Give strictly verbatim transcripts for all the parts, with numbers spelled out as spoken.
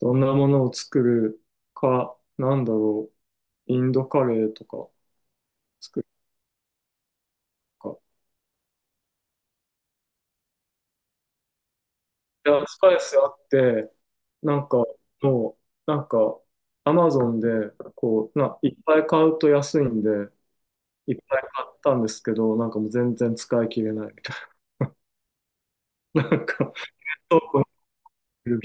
どんなものを作るか、なんだろう、インドカレーとか作るか。いや、スパイスあって、なんか、もう、なんか、アマゾンで、こう、な、いっぱい買うと安いんで、いっぱい買ったんですけど、なんかもう全然使い切れないみたいな。なんか、倉庫にいる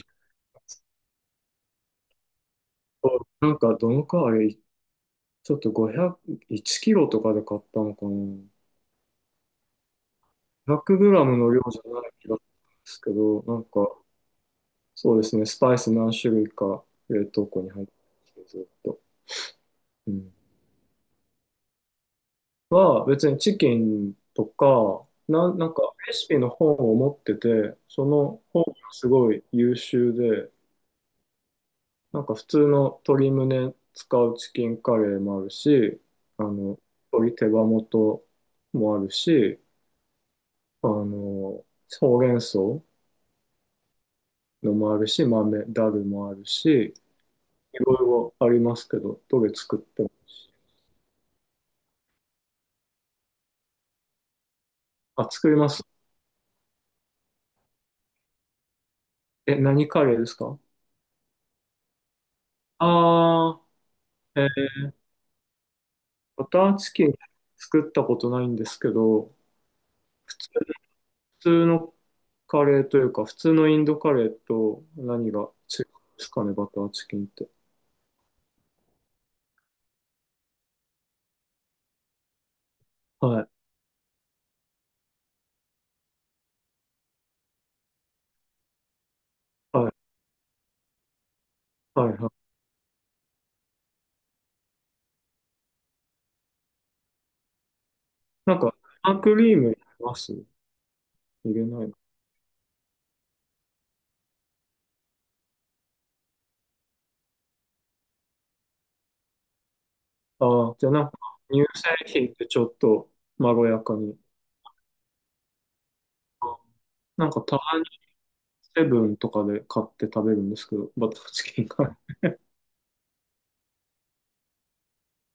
と、なんか、どのくらい、ちょっとごひゃく、いちキロとかで買ったのかな。ひゃくグラムの量じゃない気がするんですけど、なんか、そうですね、スパイス何種類か冷凍庫に入ってて、ずっと。うん、は、別にチキンとか、な、なんかレシピの本を持ってて、その本がすごい優秀で、なんか普通の鶏胸使うチキンカレーもあるし、あの、鶏手羽元もあるし、あの、ほうれん草のもあるし、豆、ダルもあるし、いろいろありますけど、どれ作っても、あ、作ります。え、何カレーですか？ああー、えー、バターチキン作ったことないんですけど、普通、普通のカレーというか、普通のインドカレーと何が違うんですかね、バターチキンって。はい、はい、はい、はい。なんか、生クリーム入れます入れないの？ああー、じゃあなんか、乳製品ってちょっとまろやかに。なんか、たまにセブンとかで買って食べるんですけど、バターチキンが。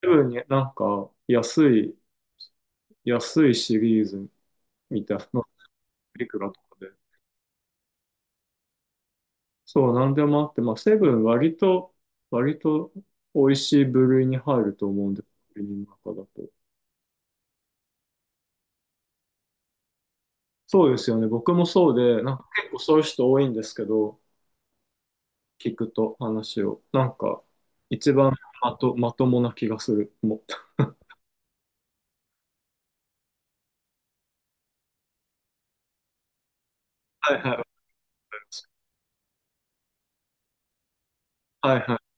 セブンになんか、安い安いシリーズみたいな、いくらとかで。そう、なんでもあって、まあ、セブン割と、割と美味しい部類に入ると思うんで、コンビニの中だと。そうですよね。僕もそうで、なんか結構そういう人多いんですけど、聞くと話を。なんか、一番まと、まともな気がする。もう はいはい。はいはい。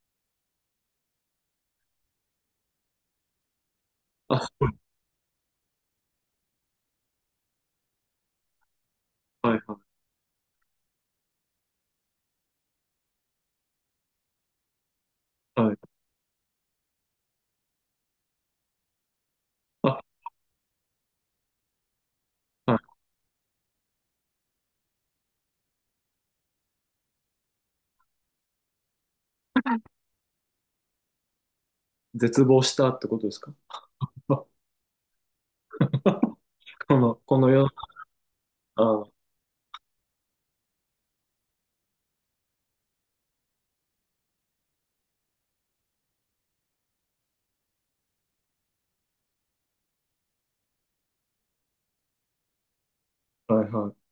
あ、はいはい。はい。あ、はい。絶望したってことですか？ この、この世の中、あはいはい。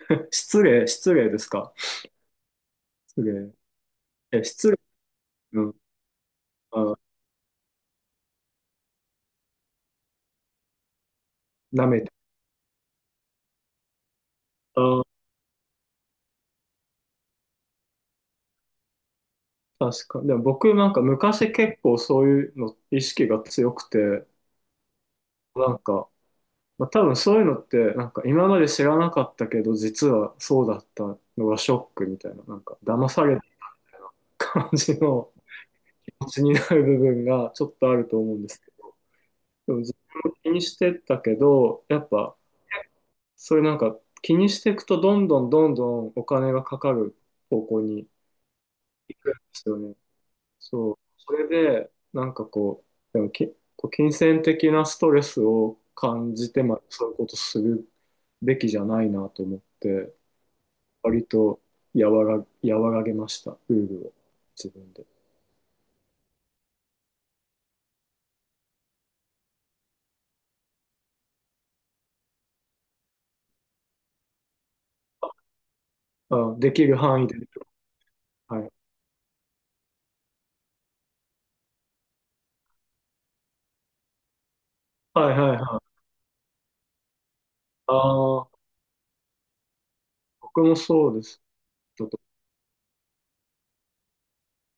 失礼、失礼ですか。失礼。え、失礼。うん。あ、舐めて。あ、確か。でも僕なんか昔結構そういうの意識が強くて、なんか、まあ、多分そういうのってなんか今まで知らなかったけど実はそうだったのがショックみたいな、なんか騙された感じの気持ちになる部分がちょっとあると思うんですけど、でも自分も気にしてたけど、やっぱそういうなんか気にしていくとどんどんどんどんお金がかかる方向にですよね。そう。それで、なんかこう、でもけ、こう金銭的なストレスを感じてまでそういうことするべきじゃないなと思って、割と和ら、和らげました、ルールを、自分で。あ、できる範囲で。はい。はいはいはい。ああ、僕もそうです。ちょっと、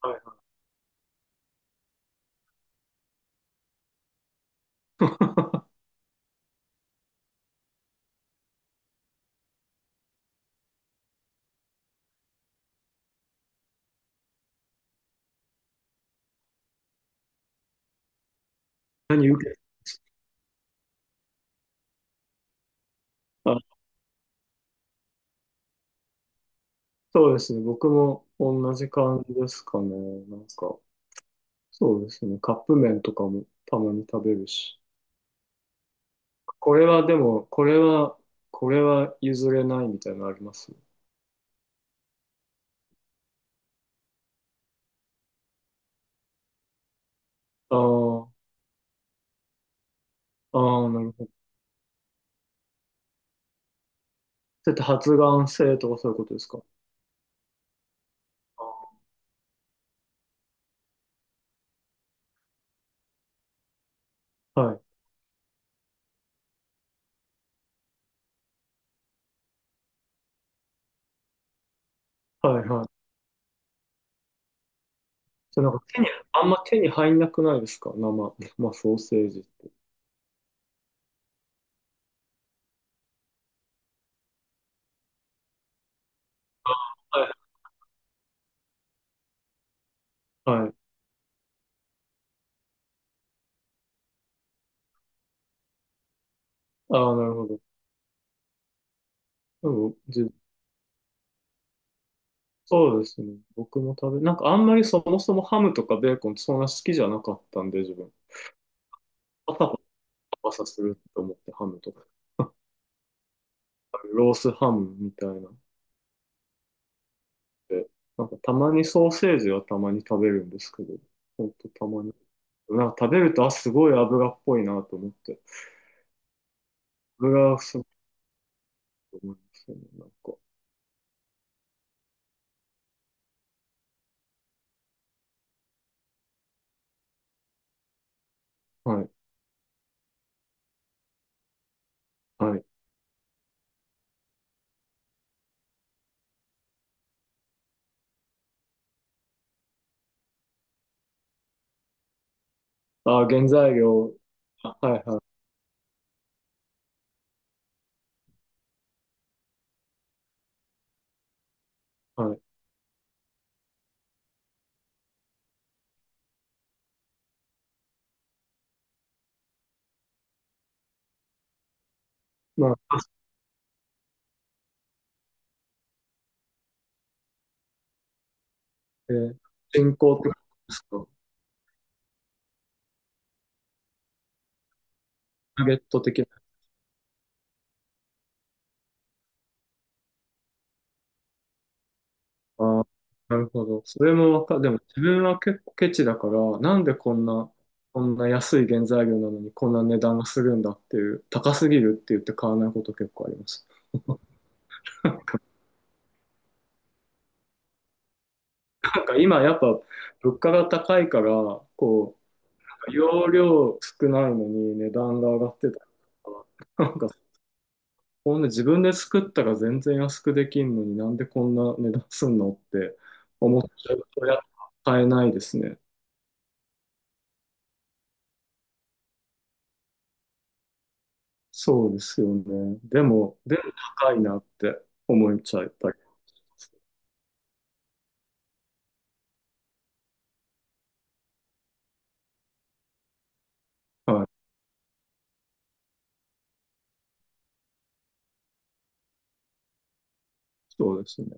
はいはい。何受けあ、そうですね。僕も同じ感じですかね。なんか、そうですね。カップ麺とかもたまに食べるし。これはでも、これは、これは譲れないみたいなのあります？ああー、ああ、なるほど。だって発がん性とかそういうことですか？あー、はい、はい、はい。じゃあなんか手に、あんま手に入んなくないですか、生、生ソーセージ。あー、はい、はい。ああ、なるほど。でも、じ、そうですね。僕も食べ、なんかあんまりそもそもハムとかベーコンそんな好きじゃなかったんで、自分。パサパサパサすると思ってハムとか、ロースハムみたいな。て、なんかたまにソーセージはたまに食べるんですけど、ほんとたまに。なんか食べると、あ、すごい油っぽいなと思って、油がすごく思いますよね、なんか。はい、はい。あ、原材料、あはいはい、はい。まあ、えー人工ってことですか、ナゲット的な。あ、なるほど。それもわか、でも自分は結構ケチだから、なんでこんな、こんな安い原材料なのにこんな値段がするんだっていう、高すぎるって言って買わないこと結構あります。なんか今やっぱ物価が高いから、こう、容量少ないのに値段が上がってたりとか、なんかこんな自分で作ったら全然安くできんのになんでこんな値段すんのって思っちゃうとやっぱ買えないですね。そうですよね。でも、でも高いなって思っちゃったり。はい、そうですね。